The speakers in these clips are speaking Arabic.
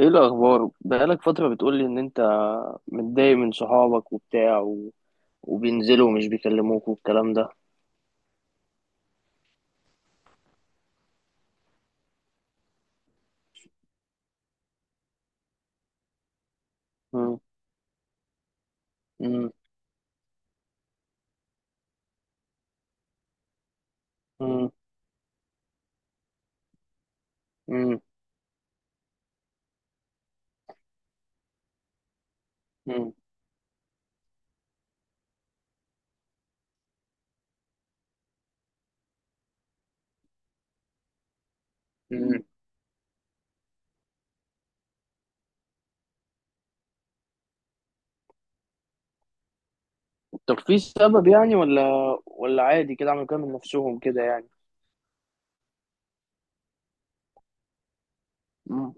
ايه الاخبار؟ بقالك فتره بتقولي ان انت متضايق من صحابك وبتاع وبينزلوا ومش بيكلموك والكلام ده. مم. مم. مم. مم. مم. مم. طب في سبب يعني ولا عادي كده عملوا كده من نفسهم كده يعني. مم.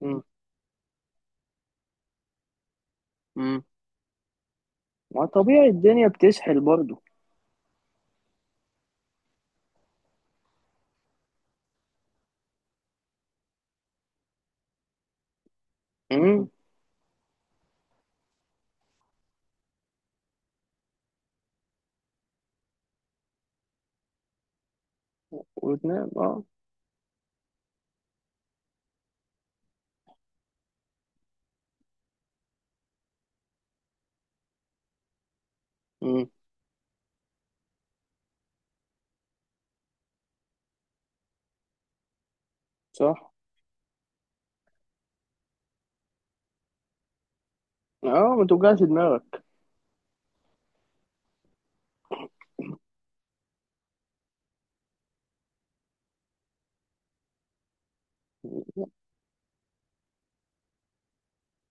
مم. مم. ما طبيعي الدنيا بتسحل برضو. مم. وتنام اه. مم. صح. اه، ما توجعش دماغك.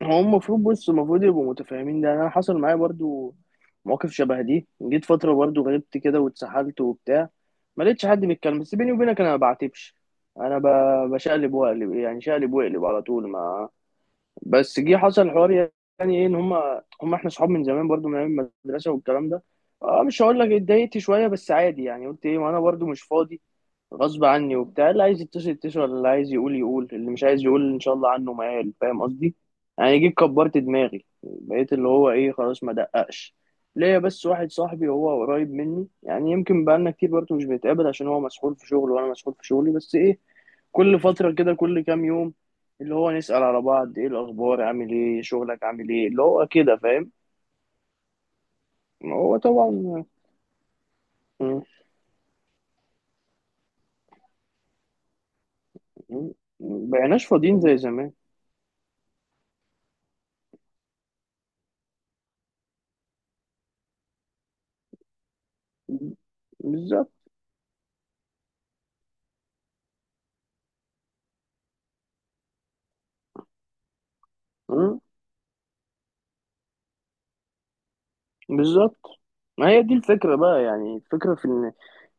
هو المفروض بص المفروض يبقوا متفاهمين، ده انا حصل معايا برضو مواقف شبه دي، جيت فترة برضو غلبت كده واتسحلت وبتاع، ما لقيتش حد بيتكلم، بس بيني وبينك انا ما بعاتبش. انا بشقلب واقلب، يعني شقلب واقلب على طول. ما بس جه حصل حوار يعني ايه، ان هما احنا صحاب من زمان برضو من ايام المدرسة والكلام ده. اه مش هقول لك اتضايقت شوية، بس عادي يعني. قلت ايه، ما انا برضو مش فاضي، غصب عني وبتاع. اللي عايز يتصل يتصل، اللي عايز يقول يقول، اللي مش عايز يقول ان شاء الله عنه ما قال، فاهم قصدي؟ يعني جيت كبرت دماغي، بقيت اللي هو ايه خلاص ما دققش ليا. بس واحد صاحبي هو قريب مني، يعني يمكن بقالنا كتير برضه مش بنتقابل عشان هو مسحول في شغله وانا مسحول في شغلي. بس ايه كل فترة كده كل كام يوم اللي هو نسأل على بعض ايه الاخبار، عامل ايه، شغلك عامل ايه، اللي هو كده فاهم. هو طبعا مبقيناش فاضيين زي زمان. بالظبط. بالظبط. ما هي دي الفكرة بقى، يعني الفكرة في إن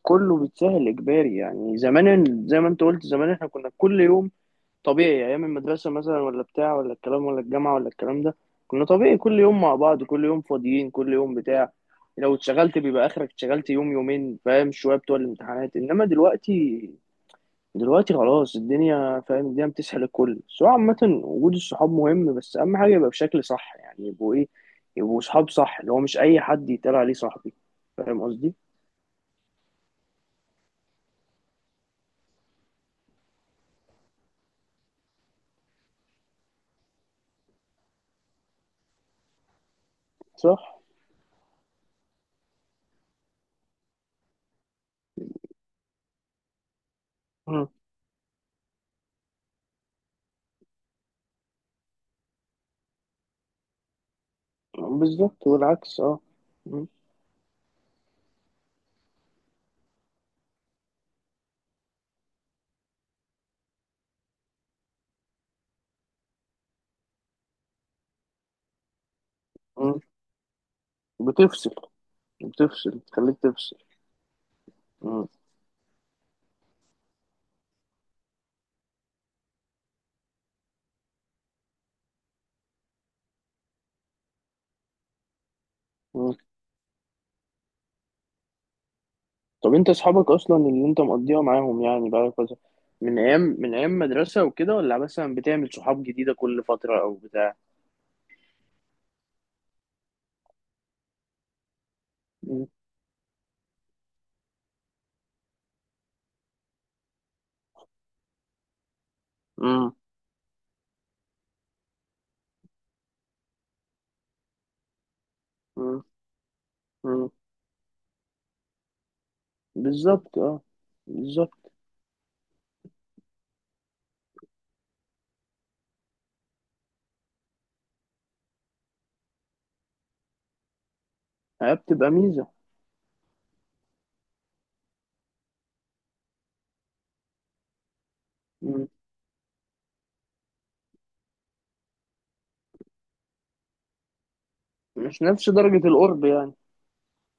كله بيتسهل إجباري. يعني زمان زي ما أنت قلت زمان إحنا كنا كل يوم طبيعي أيام المدرسة مثلا، ولا بتاع، ولا الكلام، ولا الجامعة، ولا الكلام ده. كنا طبيعي كل يوم مع بعض، كل يوم فاضيين، كل يوم بتاع. لو اتشغلت بيبقى آخرك اتشغلت يوم يومين فاهم، شوية بتوع الامتحانات. إنما دلوقتي دلوقتي خلاص الدنيا فاهم، الدنيا بتسحل الكل. بس هو عامة وجود الصحاب مهم، بس أهم حاجة يبقى بشكل صح، يعني يبقوا إيه؟ يبقوا صحاب صح، اللي هو مش أي حد يتقال عليه صاحبي، فاهم قصدي؟ صح. مم. بالظبط، والعكس أه. مم. مم. بتفصل. بتخليك تفصل. مم. مم. طب أنت أصحابك أصلا اللي أنت مقضيها معاهم يعني بقى كذا، من أيام مدرسة وكده، ولا مثلا بتعمل صحاب جديدة كل فترة أو بتاع؟ مم. مم. مم. بالظبط اه. بالظبط. هي بتبقى ميزة. مم. مش نفس درجة القرب يعني.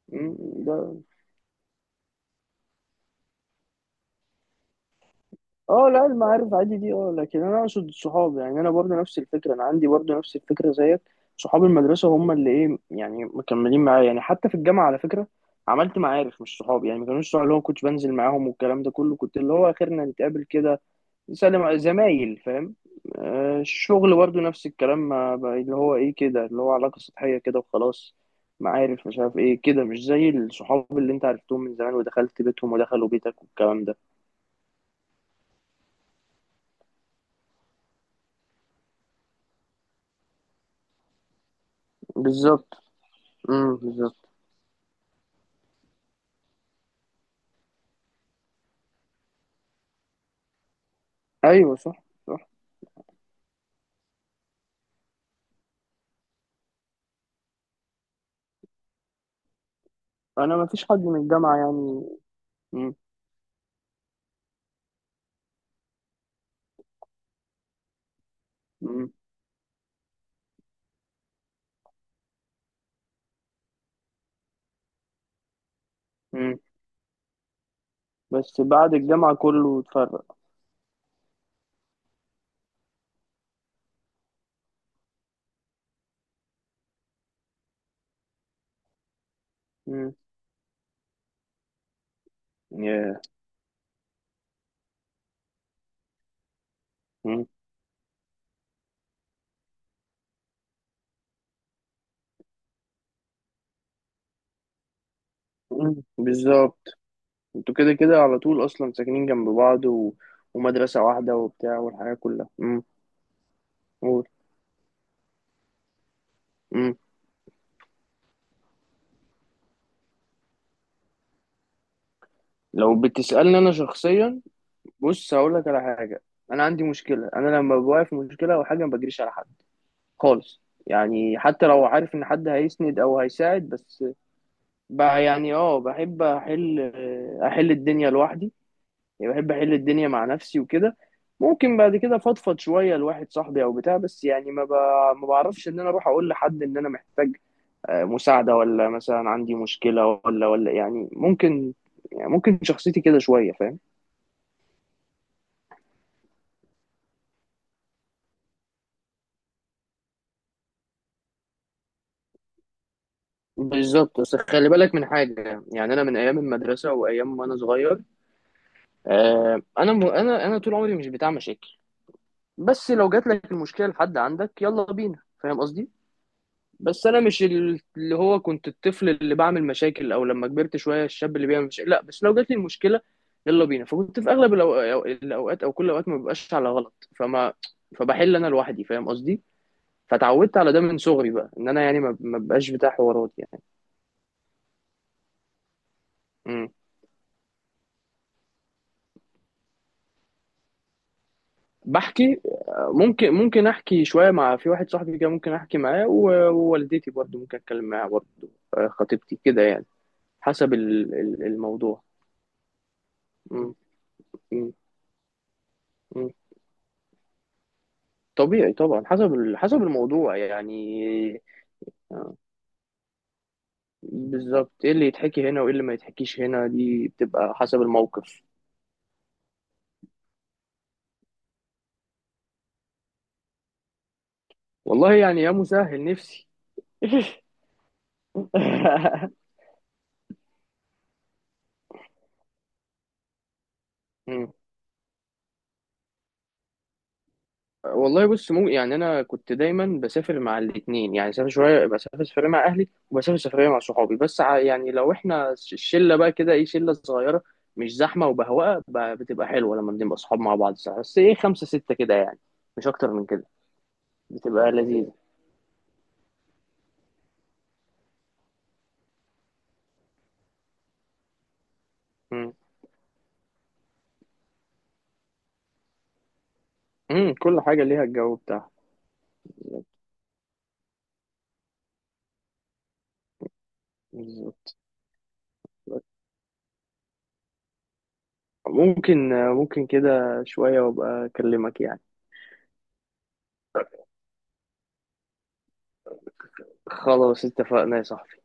مم. ده اه، لا المعارف عادي دي اه، لكن انا اقصد الصحاب. يعني انا برضه نفس الفكرة، انا عندي برضه نفس الفكرة زيك. صحاب المدرسة هم اللي ايه يعني مكملين معايا. يعني حتى في الجامعة على فكرة عملت معارف مش صحاب، يعني ما كانوش صحاب، اللي هو كنت بنزل معاهم والكلام ده كله، كنت اللي هو اخرنا نتقابل كده سلم زمايل فاهم. آه، الشغل برضه نفس الكلام، ما بقى- اللي هو ايه كده، اللي هو علاقة سطحية كده وخلاص. معارف مش عارف ايه كده، مش زي الصحاب اللي انت عرفتهم من زمان ودخلت بيتهم ودخلوا بيتك والكلام ده. بالظبط. امم، بالظبط. ايوه، صح صح. انا ما فيش حد من الجامعة يعني. امم. امم. امم. بس بعد الجامعة كله اتفرق. امم. ياه. امم. أمم، بالظبط. انتوا كده كده على طول اصلا ساكنين جنب بعض ومدرسة واحدة وبتاع والحياة كلها. قول. مم. لو بتسألني أنا شخصيا، بص هقول لك على حاجة. أنا عندي مشكلة، أنا لما بوقع في مشكلة أو حاجة ما بجريش على حد خالص، يعني حتى لو عارف إن حد هيسند أو هيساعد. بس بقى يعني أه بحب أحل، الدنيا لوحدي. يعني بحب أحل الدنيا مع نفسي وكده. ممكن بعد كده فضفض شوية لواحد صاحبي أو بتاع، بس يعني ما بعرفش إن أنا أروح أقول لحد إن أنا محتاج آه، مساعدة، ولا مثلا عندي مشكلة ولا يعني ممكن، يعني ممكن شخصيتي كده شوية فاهم. بالظبط. بس خلي بالك من حاجة، يعني أنا من أيام المدرسة وأيام وأنا صغير آه، أنا م... أنا أنا طول عمري مش بتاع مشاكل. بس لو جات لك المشكلة لحد عندك يلا بينا، فاهم قصدي؟ بس أنا مش اللي هو كنت الطفل اللي بعمل مشاكل، أو لما كبرت شوية الشاب اللي بيعمل مشاكل، لا، بس لو جات لي المشكلة يلا بينا. فكنت في أغلب الأوقات، أو كل الأوقات ما ببقاش على غلط، فبحل أنا لوحدي، فاهم قصدي؟ فتعودت على ده من صغري بقى، إن أنا يعني ما ببقاش بتاع حوارات. يعني بحكي، ممكن احكي شويه مع في واحد صاحبي كده، ممكن احكي معاه ووالدتي برضو ممكن اتكلم معاها برضو، آه، خطيبتي كده يعني. حسب الموضوع. م- م- م. طبيعي طبعا، حسب حسب الموضوع يعني. آه، بالظبط. ايه اللي يتحكي هنا وايه اللي ما يتحكيش هنا دي بتبقى حسب الموقف. والله يعني يا مسهل، نفسي. والله بص يعني انا كنت دايما بسافر مع الاثنين، يعني سافر شويه، بسافر سفريه مع اهلي وبسافر سفريه مع صحابي. بس يعني لو احنا الشله بقى كده ايه شله صغيره، مش زحمه وبهواه بتبقى حلوه لما بنبقى صحاب مع بعض ساعة. بس ايه خمسه سته كده يعني، مش اكتر من كده. بتبقى لذيذه. امم. أمم، كل حاجه ليها الجو بتاعها. بالظبط. ممكن كده شويه وابقى اكلمك يعني. خلاص اتفقنا يا صاحبي.